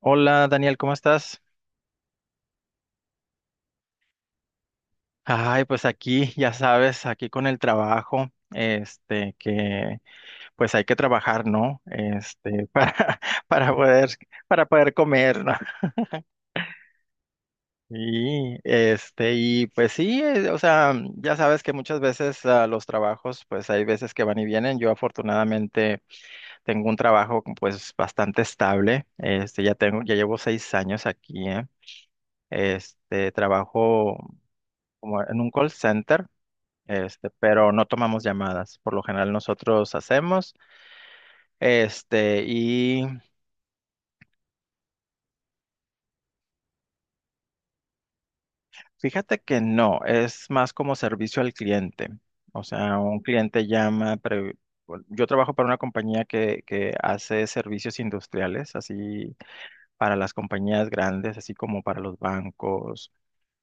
Hola Daniel, ¿cómo estás? Ay, pues aquí, ya sabes, aquí con el trabajo, que pues hay que trabajar, ¿no? Para poder, para poder comer, ¿no? Y pues sí, o sea, ya sabes que muchas veces los trabajos, pues hay veces que van y vienen. Yo afortunadamente tengo un trabajo pues bastante estable. Ya llevo 6 años aquí, ¿eh? Trabajo como en un call center. Pero no tomamos llamadas. Por lo general nosotros hacemos, este, y fíjate que no, es más como servicio al cliente. O sea, un cliente llama, bueno, yo trabajo para una compañía que hace servicios industriales, así para las compañías grandes, así como para los bancos,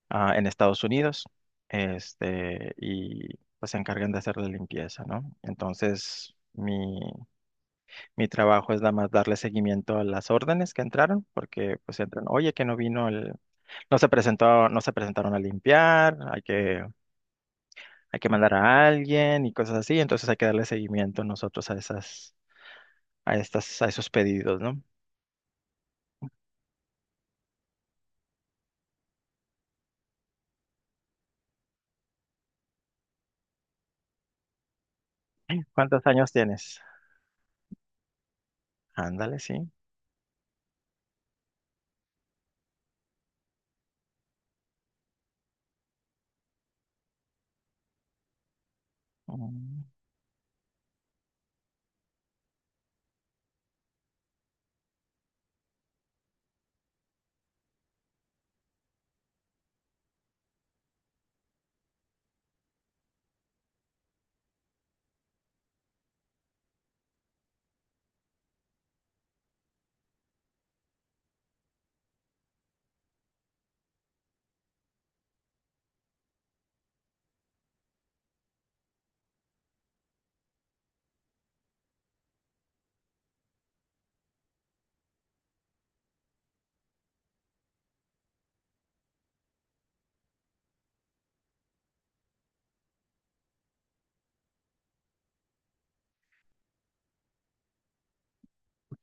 en Estados Unidos. Y pues se encargan de hacer la limpieza, ¿no? Entonces, mi trabajo es nada más darle seguimiento a las órdenes que entraron, porque pues entran, oye, que no se presentaron a limpiar, hay que mandar a alguien y cosas así, entonces hay que darle seguimiento nosotros a esas, a estas, a esos pedidos, ¿no? ¿Cuántos años tienes? Ándale, sí. Mm.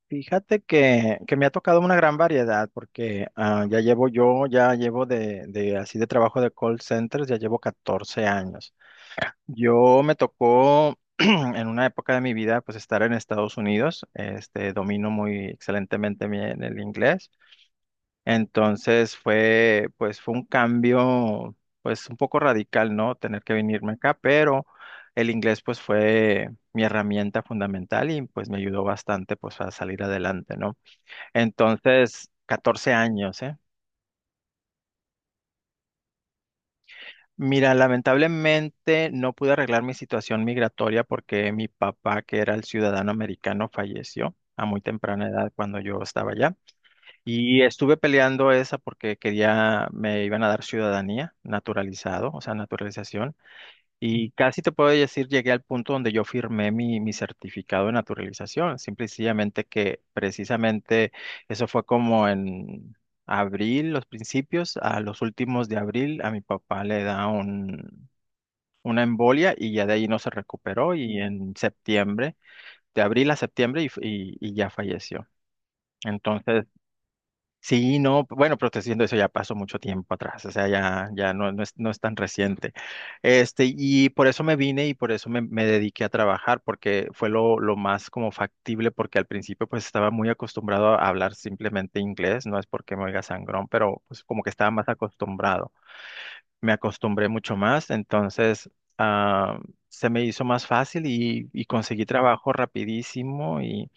Fíjate que me ha tocado una gran variedad, porque ya llevo de así de trabajo de call centers, ya llevo 14 años. Yo me tocó en una época de mi vida pues estar en Estados Unidos, domino muy excelentemente el inglés, entonces fue un cambio pues un poco radical, ¿no? Tener que venirme acá, pero el inglés pues fue mi herramienta fundamental y pues me ayudó bastante pues a salir adelante, ¿no? Entonces, 14 años, ¿eh? Mira, lamentablemente no pude arreglar mi situación migratoria porque mi papá, que era el ciudadano americano, falleció a muy temprana edad cuando yo estaba allá. Y estuve peleando esa porque quería, me iban a dar ciudadanía, naturalizado, o sea, naturalización. Y casi te puedo decir, llegué al punto donde yo firmé mi certificado de naturalización. Simple y sencillamente que precisamente eso fue como en abril, los principios, a los últimos de abril, a mi papá le da un una embolia y ya de ahí no se recuperó y en septiembre, de abril a septiembre y ya falleció. Entonces, sí, no, bueno, pero te estoy diciendo eso ya pasó mucho tiempo atrás, o sea, ya no es tan reciente. Y por eso me vine y por eso me dediqué a trabajar, porque fue lo más como factible, porque al principio pues estaba muy acostumbrado a hablar simplemente inglés, no es porque me oiga sangrón, pero pues como que estaba más acostumbrado me acostumbré mucho más, entonces ah, se me hizo más fácil conseguí trabajo rapidísimo y,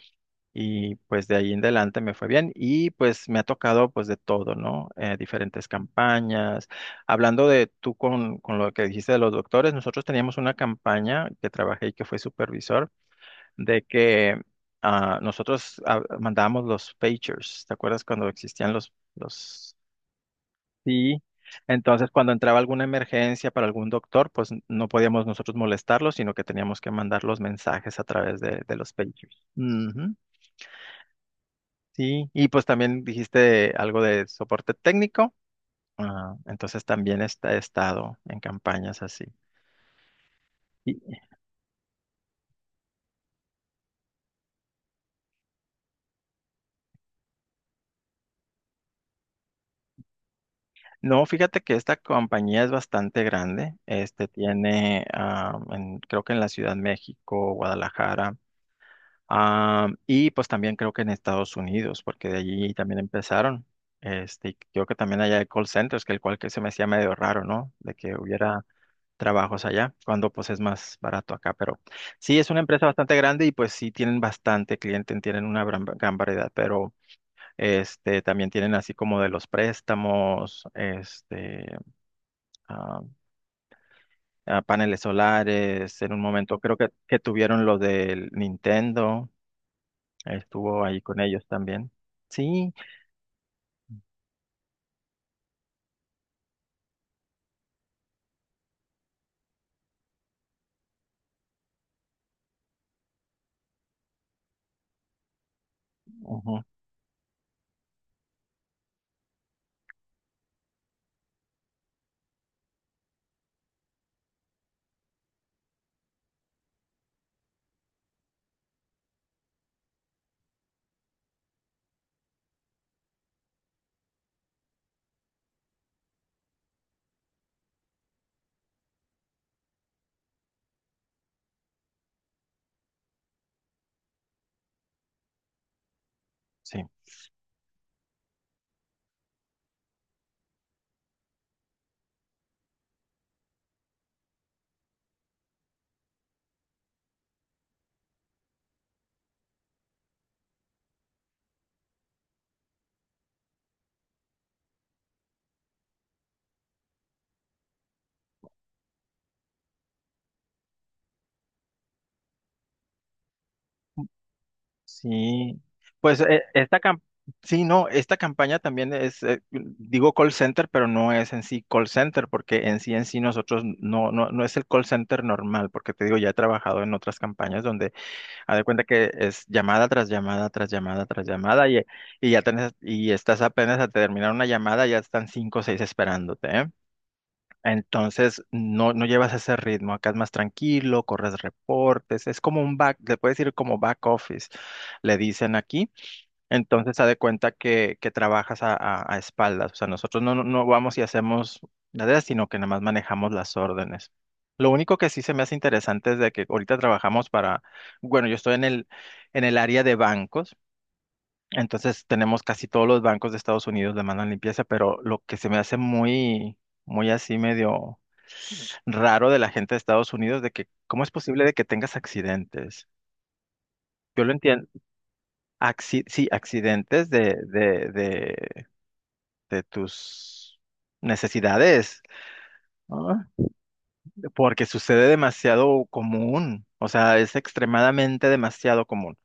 y, pues de ahí en adelante me fue bien y pues me ha tocado pues de todo, ¿no? Diferentes campañas. Hablando de tú con lo que dijiste de los doctores, nosotros teníamos una campaña que trabajé y que fue supervisor de que... nosotros mandábamos los pagers, ¿te acuerdas cuando existían los? Sí, entonces cuando entraba alguna emergencia para algún doctor, pues no podíamos nosotros molestarlos, sino que teníamos que mandar los mensajes a través de los pagers. Ujú. Sí, y pues también dijiste algo de soporte técnico, entonces también he estado en campañas así. Y- no, fíjate que esta compañía es bastante grande. Tiene creo que en la Ciudad de México, Guadalajara. Y pues también creo que en Estados Unidos, porque de allí también empezaron. Y creo que también allá hay call centers, que el cual que se me hacía medio raro, ¿no? De que hubiera trabajos allá, cuando pues es más barato acá. Pero sí, es una empresa bastante grande y pues sí tienen bastante cliente, tienen una gran, gran variedad, pero también tienen así como de los préstamos, ah, paneles solares, en un momento creo que tuvieron lo del Nintendo. Estuvo ahí con ellos también. Sí, ujú, sí, sí. Pues sí, no, esta campaña también es, digo call center, pero no es en sí call center, porque en sí nosotros no es el call center normal, porque te digo, ya he trabajado en otras campañas donde haz de cuenta que es llamada tras llamada tras llamada tras llamada, y estás apenas a terminar una llamada, ya están 5 o 6 esperándote, ¿eh? Entonces no llevas ese ritmo, acá es más tranquilo, corres reportes, es como un back, le puedes decir como back office, le dicen aquí. Entonces, haz de cuenta que trabajas a espaldas. O sea, nosotros no vamos y hacemos nada, sino que nada más manejamos las órdenes. Lo único que sí se me hace interesante es de que ahorita trabajamos para, bueno, yo estoy en el área de bancos, entonces tenemos casi todos los bancos de Estados Unidos le mandan limpieza, pero lo que se me hace muy, muy así medio raro de la gente de Estados Unidos, de que, ¿cómo es posible de que tengas accidentes? Yo lo entiendo. Sí, accidentes de tus necesidades, ¿no? Porque sucede demasiado común, o sea, es extremadamente demasiado común.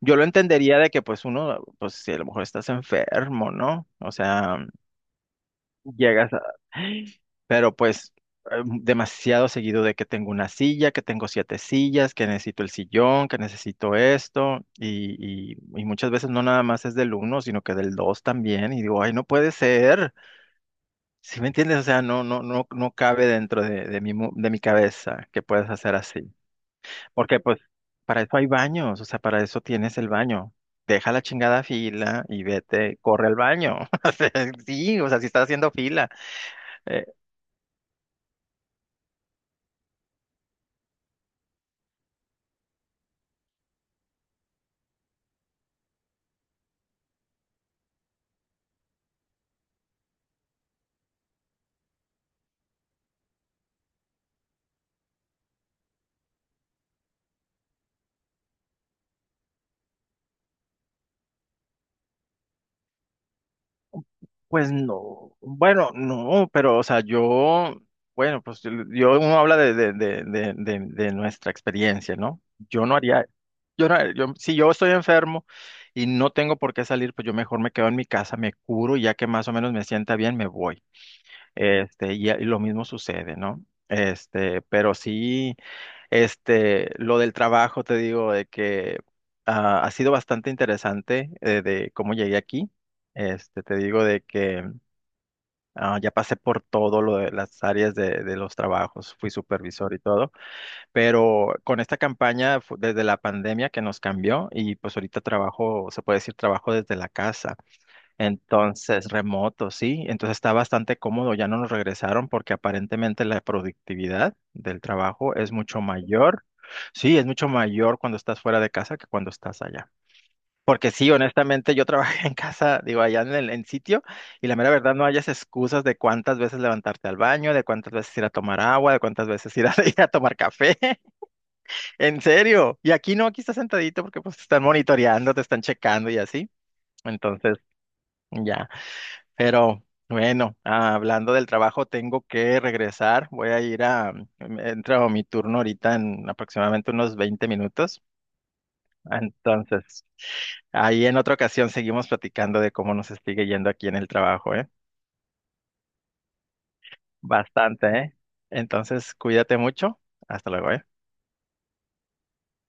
Yo lo entendería de que pues uno, pues si a lo mejor estás enfermo, ¿no? O sea, llegas a. Pero pues demasiado seguido de que tengo una silla, que tengo 7 sillas, que necesito el sillón, que necesito esto, y muchas veces no nada más es del uno, sino que del dos también, y digo, ay, no puede ser. ¿Si me entiendes? O sea, no cabe dentro de mi cabeza que puedas hacer así. Porque, pues, para eso hay baños, o sea, para eso tienes el baño. Deja la chingada fila y vete, corre al baño. O sea, sí, o sea, si estás haciendo fila. Pues no, bueno, no, pero o sea, yo, bueno, pues yo, uno habla de nuestra experiencia, ¿no? Yo no haría, yo no, haría- yo, Si yo estoy enfermo y no tengo por qué salir, pues yo mejor me quedo en mi casa, me curo, y ya que más o menos me sienta bien, me voy. Y lo mismo sucede, ¿no? Pero sí, lo del trabajo, te digo, de que ha sido bastante interesante, de cómo llegué aquí. Te digo de que ya pasé por todo lo de las áreas de los trabajos, fui supervisor y todo, pero con esta campaña desde la pandemia que nos cambió y pues ahorita trabajo, se puede decir trabajo desde la casa, entonces remoto, sí, entonces está bastante cómodo, ya no nos regresaron porque aparentemente la productividad del trabajo es mucho mayor, sí, es mucho mayor cuando estás fuera de casa que cuando estás allá. Porque sí, honestamente, yo trabajé en casa, digo, allá en sitio, y la mera verdad no hayas excusas de cuántas veces levantarte al baño, de cuántas veces ir a tomar agua, de cuántas veces ir a, ir a tomar café. En serio. Y aquí no, aquí estás sentadito porque pues te están monitoreando, te están checando y así. Entonces, ya. Pero bueno, hablando del trabajo, tengo que regresar. Voy a ir a, mm, Entro a mi turno ahorita en aproximadamente unos 20 minutos. Entonces, ahí en otra ocasión seguimos platicando de cómo nos sigue yendo aquí en el trabajo, ¿eh? Bastante, ¿eh? Entonces, cuídate mucho. Hasta luego, ¿eh?